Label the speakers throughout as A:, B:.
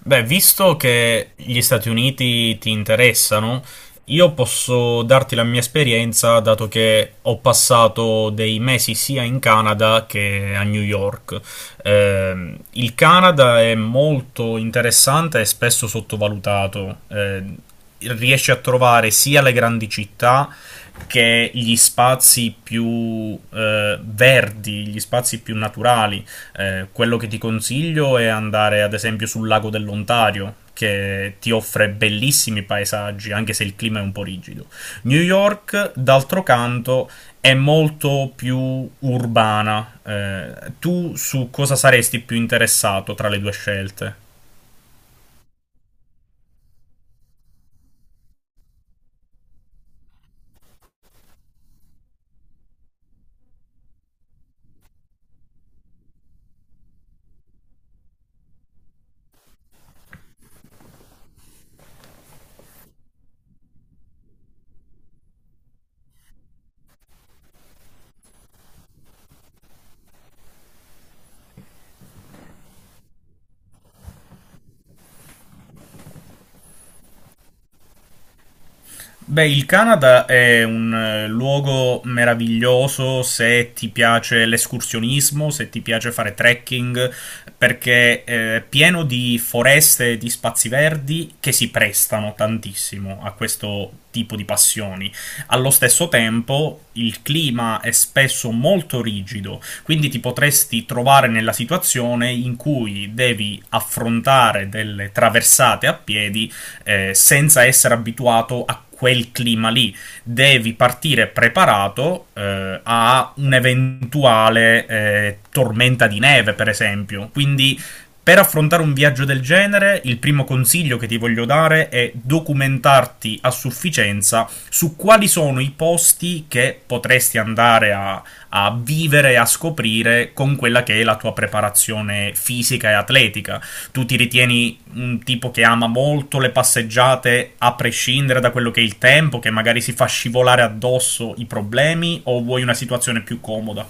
A: Beh, visto che gli Stati Uniti ti interessano, io posso darti la mia esperienza, dato che ho passato dei mesi sia in Canada che a New York. Il Canada è molto interessante e spesso sottovalutato. Riesce a trovare sia le grandi città che gli spazi più verdi, gli spazi più naturali. Quello che ti consiglio è andare ad esempio sul lago dell'Ontario, che ti offre bellissimi paesaggi, anche se il clima è un po' rigido. New York, d'altro canto, è molto più urbana. Tu su cosa saresti più interessato tra le due scelte? Beh, il Canada è un luogo meraviglioso se ti piace l'escursionismo, se ti piace fare trekking, perché è pieno di foreste e di spazi verdi che si prestano tantissimo a questo tipo di passioni. Allo stesso tempo, il clima è spesso molto rigido, quindi ti potresti trovare nella situazione in cui devi affrontare delle traversate a piedi senza essere abituato a quel clima lì. Devi partire preparato a un'eventuale tormenta di neve, per esempio. Quindi. Per affrontare un viaggio del genere, il primo consiglio che ti voglio dare è documentarti a sufficienza su quali sono i posti che potresti andare a vivere e a scoprire con quella che è la tua preparazione fisica e atletica. Tu ti ritieni un tipo che ama molto le passeggiate a prescindere da quello che è il tempo, che magari si fa scivolare addosso i problemi, o vuoi una situazione più comoda?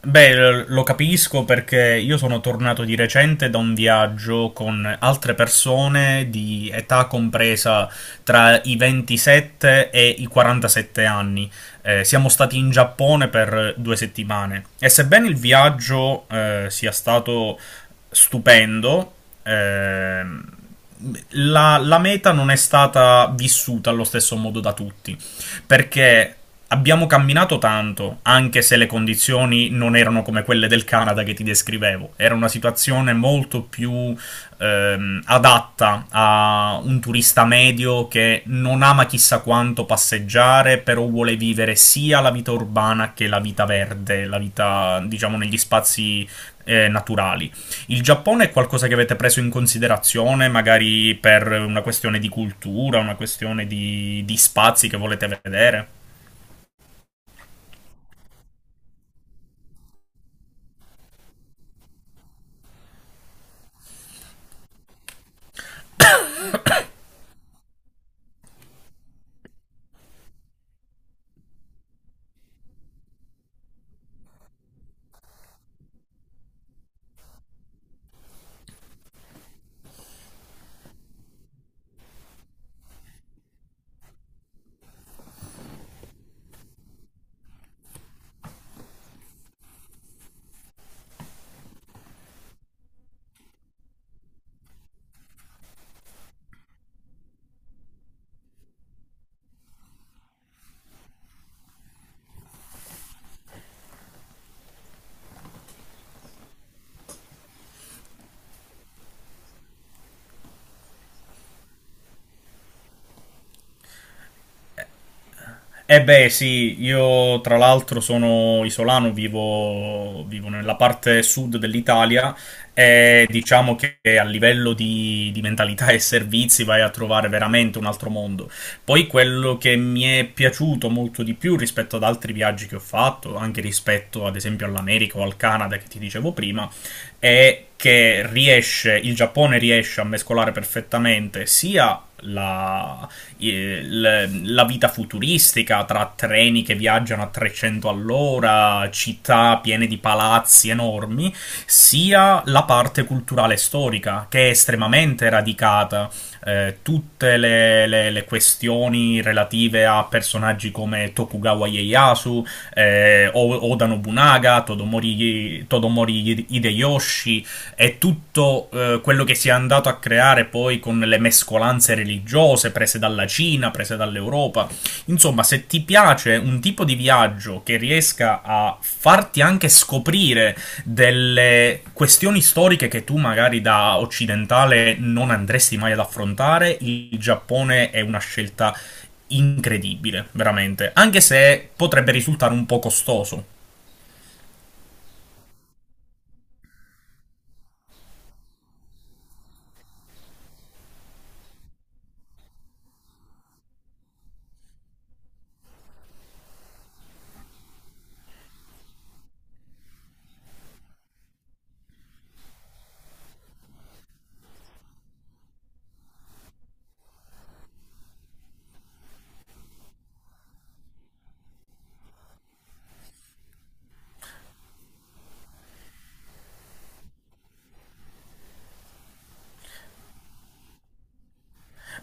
A: Beh, lo capisco perché io sono tornato di recente da un viaggio con altre persone di età compresa tra i 27 e i 47 anni. Siamo stati in Giappone per 2 settimane e sebbene il viaggio sia stato stupendo, ehm, la meta non è stata vissuta allo stesso modo da tutti perché abbiamo camminato tanto, anche se le condizioni non erano come quelle del Canada che ti descrivevo, era una situazione molto più adatta a un turista medio che non ama chissà quanto passeggiare, però vuole vivere sia la vita urbana che la vita verde, la vita diciamo negli spazi naturali. Il Giappone è qualcosa che avete preso in considerazione, magari per una questione di cultura, una questione di spazi che volete vedere? Eh beh, sì, io tra l'altro sono isolano, vivo, vivo nella parte sud dell'Italia e diciamo che a livello di mentalità e servizi vai a trovare veramente un altro mondo. Poi quello che mi è piaciuto molto di più rispetto ad altri viaggi che ho fatto, anche rispetto ad esempio all'America o al Canada che ti dicevo prima, è che riesce, il Giappone riesce a mescolare perfettamente sia la vita futuristica tra treni che viaggiano a 300 all'ora, città piene di palazzi enormi, sia la parte culturale e storica che è estremamente radicata. Tutte le questioni relative a personaggi come Tokugawa Ieyasu, Oda Nobunaga, Todomori Hideyoshi, è tutto quello che si è andato a creare poi con le mescolanze religiose prese dalla Cina, prese dall'Europa. Insomma, se ti piace un tipo di viaggio che riesca a farti anche scoprire delle questioni storiche che tu magari da occidentale non andresti mai ad affrontare, il Giappone è una scelta incredibile, veramente, anche se potrebbe risultare un po' costoso.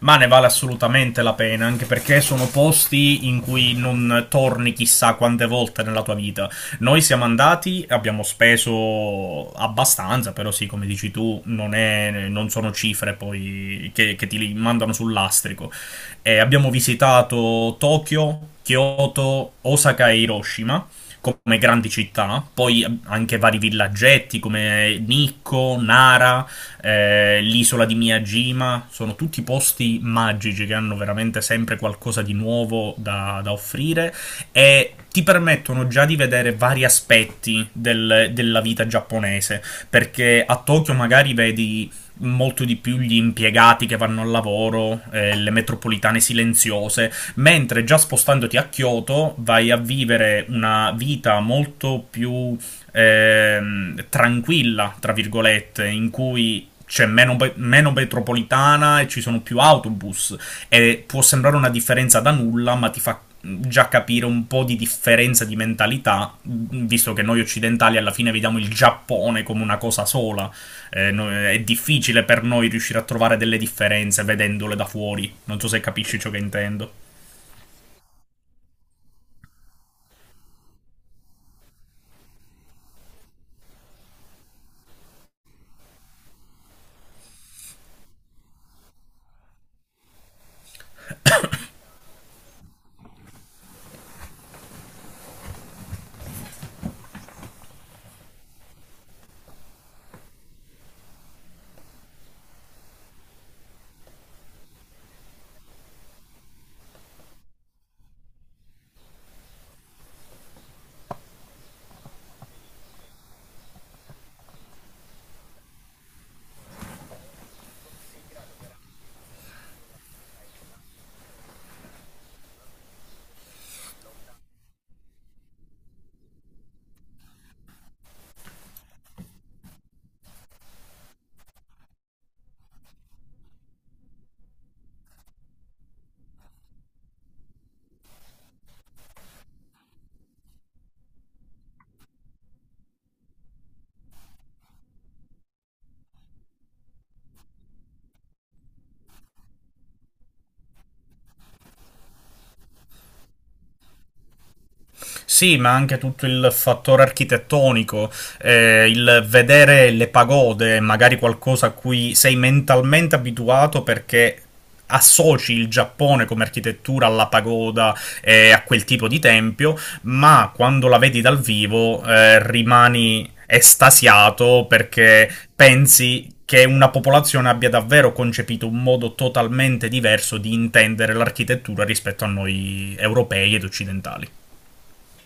A: Ma ne vale assolutamente la pena, anche perché sono posti in cui non torni chissà quante volte nella tua vita. Noi siamo andati, abbiamo speso abbastanza, però sì, come dici tu, non, è, non sono cifre poi che ti mandano sul lastrico. Abbiamo visitato Tokyo, Kyoto, Osaka e Hiroshima come grandi città, no? Poi anche vari villaggetti come Nikko, Nara, l'isola di Miyajima, sono tutti posti magici che hanno veramente sempre qualcosa di nuovo da offrire e ti permettono già di vedere vari aspetti della vita giapponese, perché a Tokyo magari vedi molto di più gli impiegati che vanno al lavoro, le metropolitane silenziose, mentre già spostandoti a Kyoto vai a vivere una vita molto più tranquilla, tra virgolette, in cui c'è meno metropolitana e ci sono più autobus, e può sembrare una differenza da nulla, ma ti fa già capire un po' di differenza di mentalità, visto che noi occidentali alla fine vediamo il Giappone come una cosa sola. È difficile per noi riuscire a trovare delle differenze vedendole da fuori. Non so se capisci ciò che intendo. Sì, ma anche tutto il fattore architettonico, il vedere le pagode, magari qualcosa a cui sei mentalmente abituato perché associ il Giappone come architettura alla pagoda e a quel tipo di tempio, ma quando la vedi dal vivo rimani estasiato perché pensi che una popolazione abbia davvero concepito un modo totalmente diverso di intendere l'architettura rispetto a noi europei ed occidentali.